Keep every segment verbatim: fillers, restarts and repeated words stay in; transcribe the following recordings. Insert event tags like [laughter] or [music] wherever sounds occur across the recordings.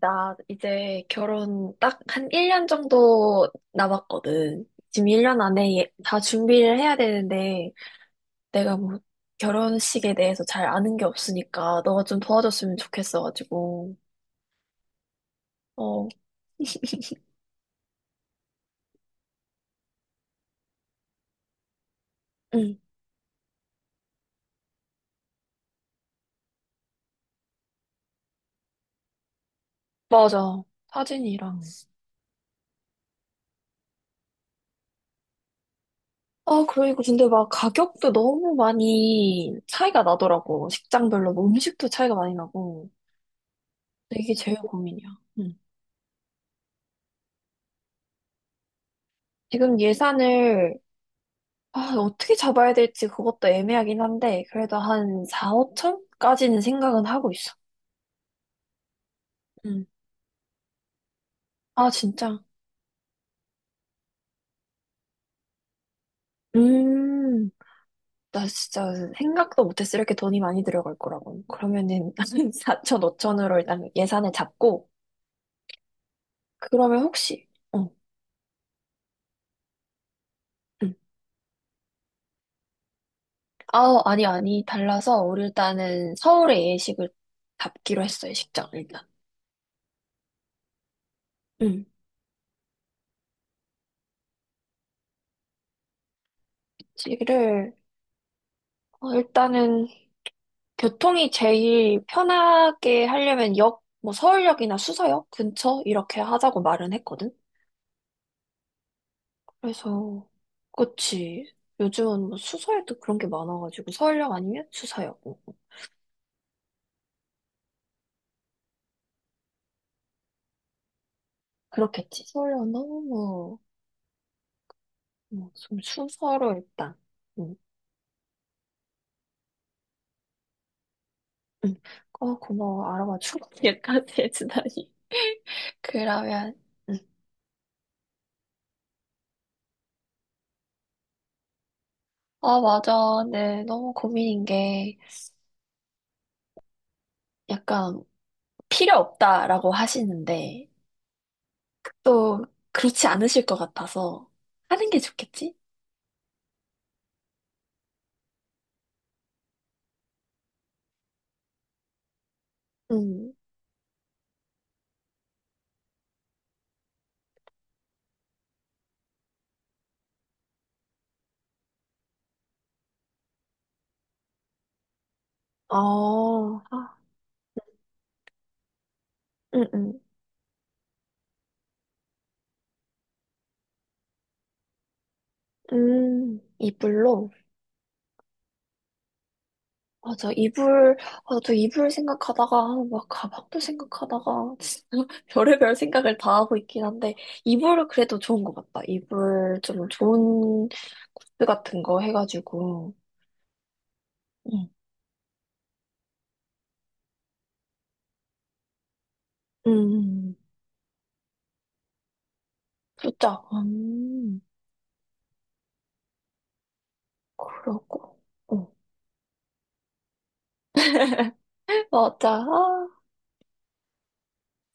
나 이제 결혼 딱 한 일 년 정도 남았거든. 지금 일 년 안에 예- 다 준비를 해야 되는데, 내가 뭐 결혼식에 대해서 잘 아는 게 없으니까, 너가 좀 도와줬으면 좋겠어가지고. 어, [laughs] 응, 맞아. 사진이랑. 아, 그리고 근데 막 가격도 너무 많이 차이가 나더라고. 식장별로 뭐 음식도 차이가 많이 나고. 근데 이게 제일 고민이야. 응. 지금 예산을, 아, 어떻게 잡아야 될지 그것도 애매하긴 한데, 그래도 한 사, 오천까지는 생각은 하고 있어. 응. 아, 진짜. 음, 나 진짜 생각도 못했어. 이렇게 돈이 많이 들어갈 거라고. 그러면은 [laughs] 사천, 오천으로 일단 예산을 잡고, 그러면 혹시, 어, 응. 아, 아니, 아니. 달라서, 우리 일단은 서울의 예식을 잡기로 했어, 예식장, 일단. 응. 예식을, 어, 일단은 교통이 제일 편하게 하려면 역, 뭐 서울역이나 수서역 근처 이렇게 하자고 말은 했거든. 그래서 그치. 요즘은 뭐 수서에도 그런 게 많아가지고 서울역 아니면 수서역. 뭐, 뭐. 그렇겠지. 서울역은 너무 뭐, 뭐, 좀 순서로 일단. 응, 응. 어, 고마워. 알아봐주고 [laughs] 여기까지 해주다니. 그러면, 응. 아, 맞아. 네, 너무 고민인 게 약간 필요 없다라고 하시는데. 또 그렇지 않으실 것 같아서 하는 게 좋겠지? 음. 어, 아, 음, 음. 음, 이불로? 맞아, 이불, 아, 저 이불 생각하다가, 막 가방도 생각하다가, 진짜 [laughs] 별의별 생각을 다 하고 있긴 한데, 이불은 그래도 좋은 것 같다. 이불 좀 좋은 굿즈 같은 거 해가지고, 응. 음, 진짜, 음, 그러고, 어, [laughs] 맞아, 아,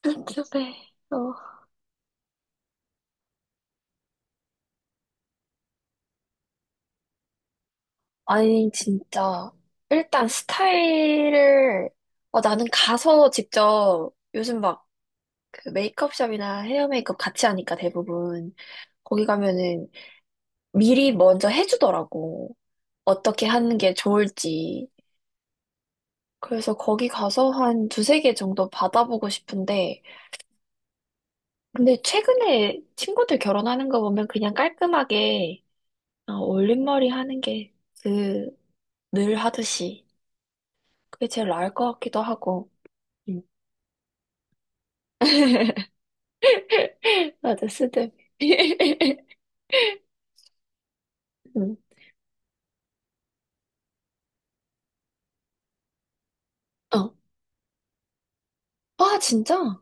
궁금해. 아니, 진짜. 일단 스타일을, 어, 나는 가서 직접 요즘 막 그 메이크업샵이나 헤어 메이크업 같이 하니까 대부분 거기 가면은 미리 먼저 해주더라고. 어떻게 하는 게 좋을지. 그래서 거기 가서 한 두세 개 정도 받아보고 싶은데, 근데 최근에 친구들 결혼하는 거 보면 그냥 깔끔하게 어, 올림머리 하는 게 그 늘 하듯이 그게 제일 나을 것 같기도 하고. 음. 맞아, 스드비. [laughs] 응. 어. 아, 진짜?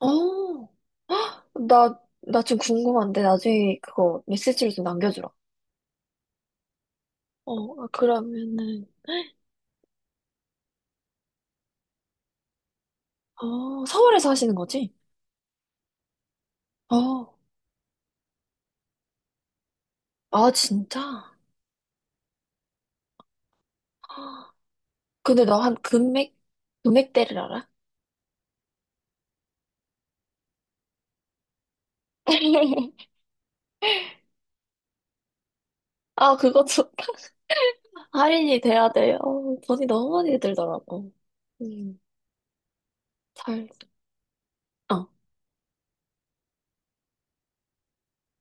어. 헉, 나, 나 지금 궁금한데, 나중에 그거 메시지로 좀 남겨주라. 어, 아, 그러면은, 어, 서울에서 하시는 거지? 어. 아, 진짜? 헉, 근데 나 한 금액, 금액대를 알아? [laughs] 아, 그거 좋다. 할인이 돼야 돼요. 어, 돈이 너무 많이 들더라고. 음, 잘, 어,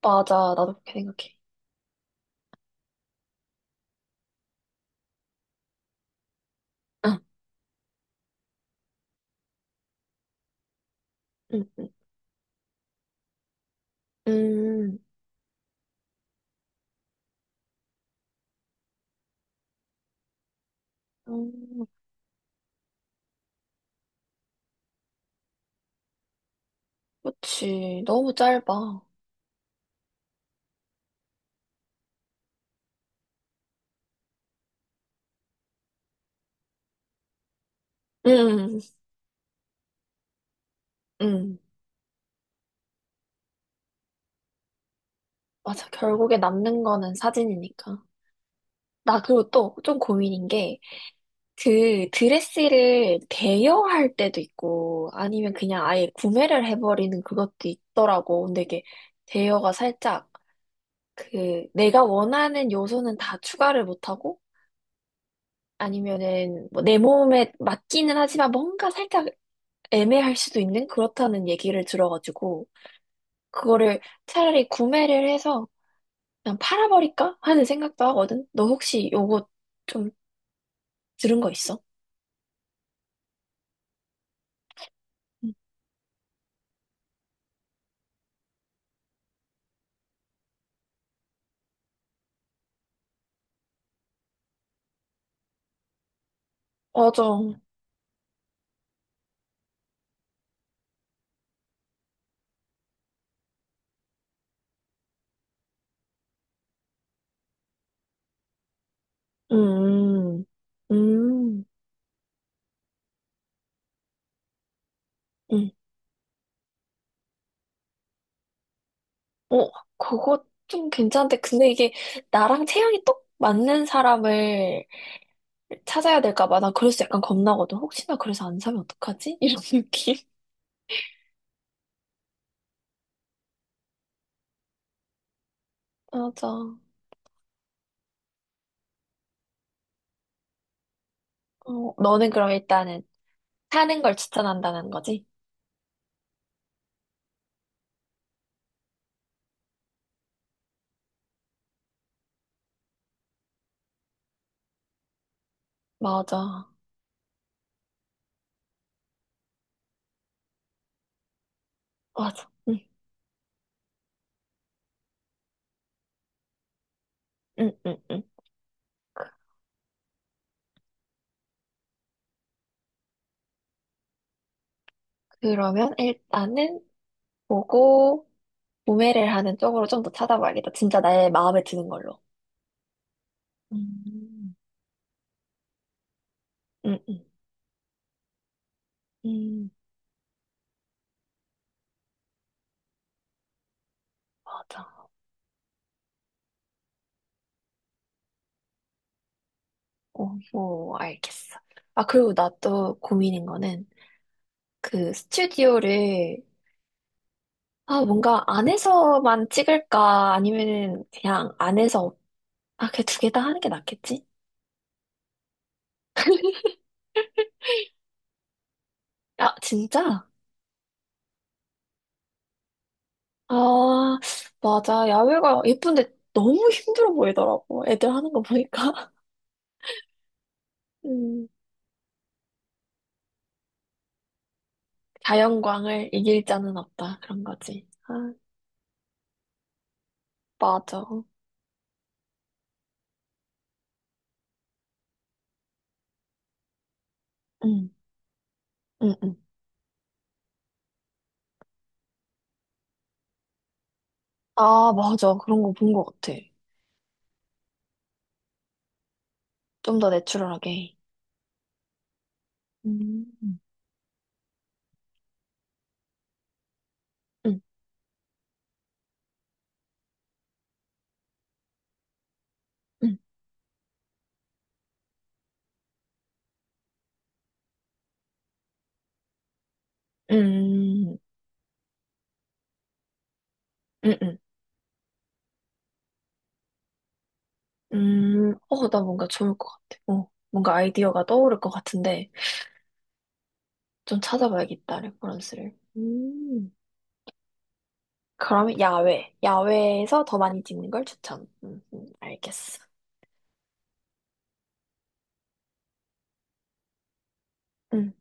맞아. 나도 그렇게 생각해. 어, 음, 음, 음, 음. 그치. 너무 짧아. 응, 응. 맞아. 결국에 남는 거는 사진이니까. 나 그리고 또 좀 고민인 게, 그 드레스를 대여할 때도 있고, 아니면 그냥 아예 구매를 해버리는 그것도 있더라고. 근데 이게 대여가 살짝, 그, 내가 원하는 요소는 다 추가를 못하고, 아니면은 뭐 내 몸에 맞기는 하지만 뭔가 살짝 애매할 수도 있는 그렇다는 얘기를 들어가지고, 그거를 차라리 구매를 해서 그냥 팔아버릴까 하는 생각도 하거든. 너 혹시 요거 좀 들은 거 있어? 응. 맞아. 음, 음, 음. 어, 그거 좀 괜찮은데. 근데 이게 나랑 체형이 똑 맞는 사람을 찾아야 될까 봐. 나 그래서 약간 겁나거든. 혹시나 그래서 안 사면 어떡하지? 이런 [laughs] 느낌. 맞아. 어, 너는 그럼 일단은 사는 걸 추천한다는 거지? 맞아. 맞아. 응, 응, 응, 응. 그러면 일단은 보고, 구매를 하는 쪽으로 좀 더 찾아봐야겠다. 진짜 나의 마음에 드는 걸로. 음, 응, 응. 음, 맞아. 오 오, 알겠어. 아, 그리고 나 또 고민인 거는 그 스튜디오를, 아, 뭔가 안에서만 찍을까? 아니면은 그냥 안에서, 아, 그 두 개 다 하는 게 낫겠지? 아, 진짜? 아, 맞아. 야외가 예쁜데 너무 힘들어 보이더라고. 애들 하는 거 보니까. [laughs] 음, 자연광을 이길 자는 없다. 그런 거지. 아. 맞아. 응, 응, 응. 아, 맞아. 그런 거 본 것 같아. 좀 더 내추럴하게. 음. 응, 응, 응, 응, 응. 음, 어, 나 뭔가 좋을 것 같아. 어, 뭔가 아이디어가 떠오를 것 같은데, 좀 찾아봐야겠다, 레퍼런스를. 음. 그러면 야외. 야외에서 더 많이 찍는 걸 추천. 음, 음, 알겠어. 응,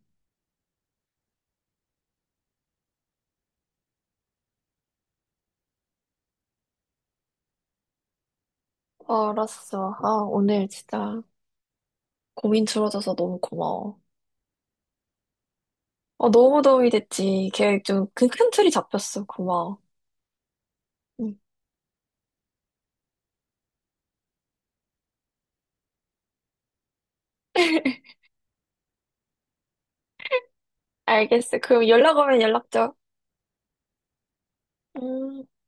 알았어. 아, 오늘 진짜 고민 줄어져서 너무 고마워. 어, 너무 도움이 됐지. 계획 좀 큰 틀이 잡혔어. 고마워. 음. [laughs] 알겠어. 그럼 연락 오면 연락 줘. 음.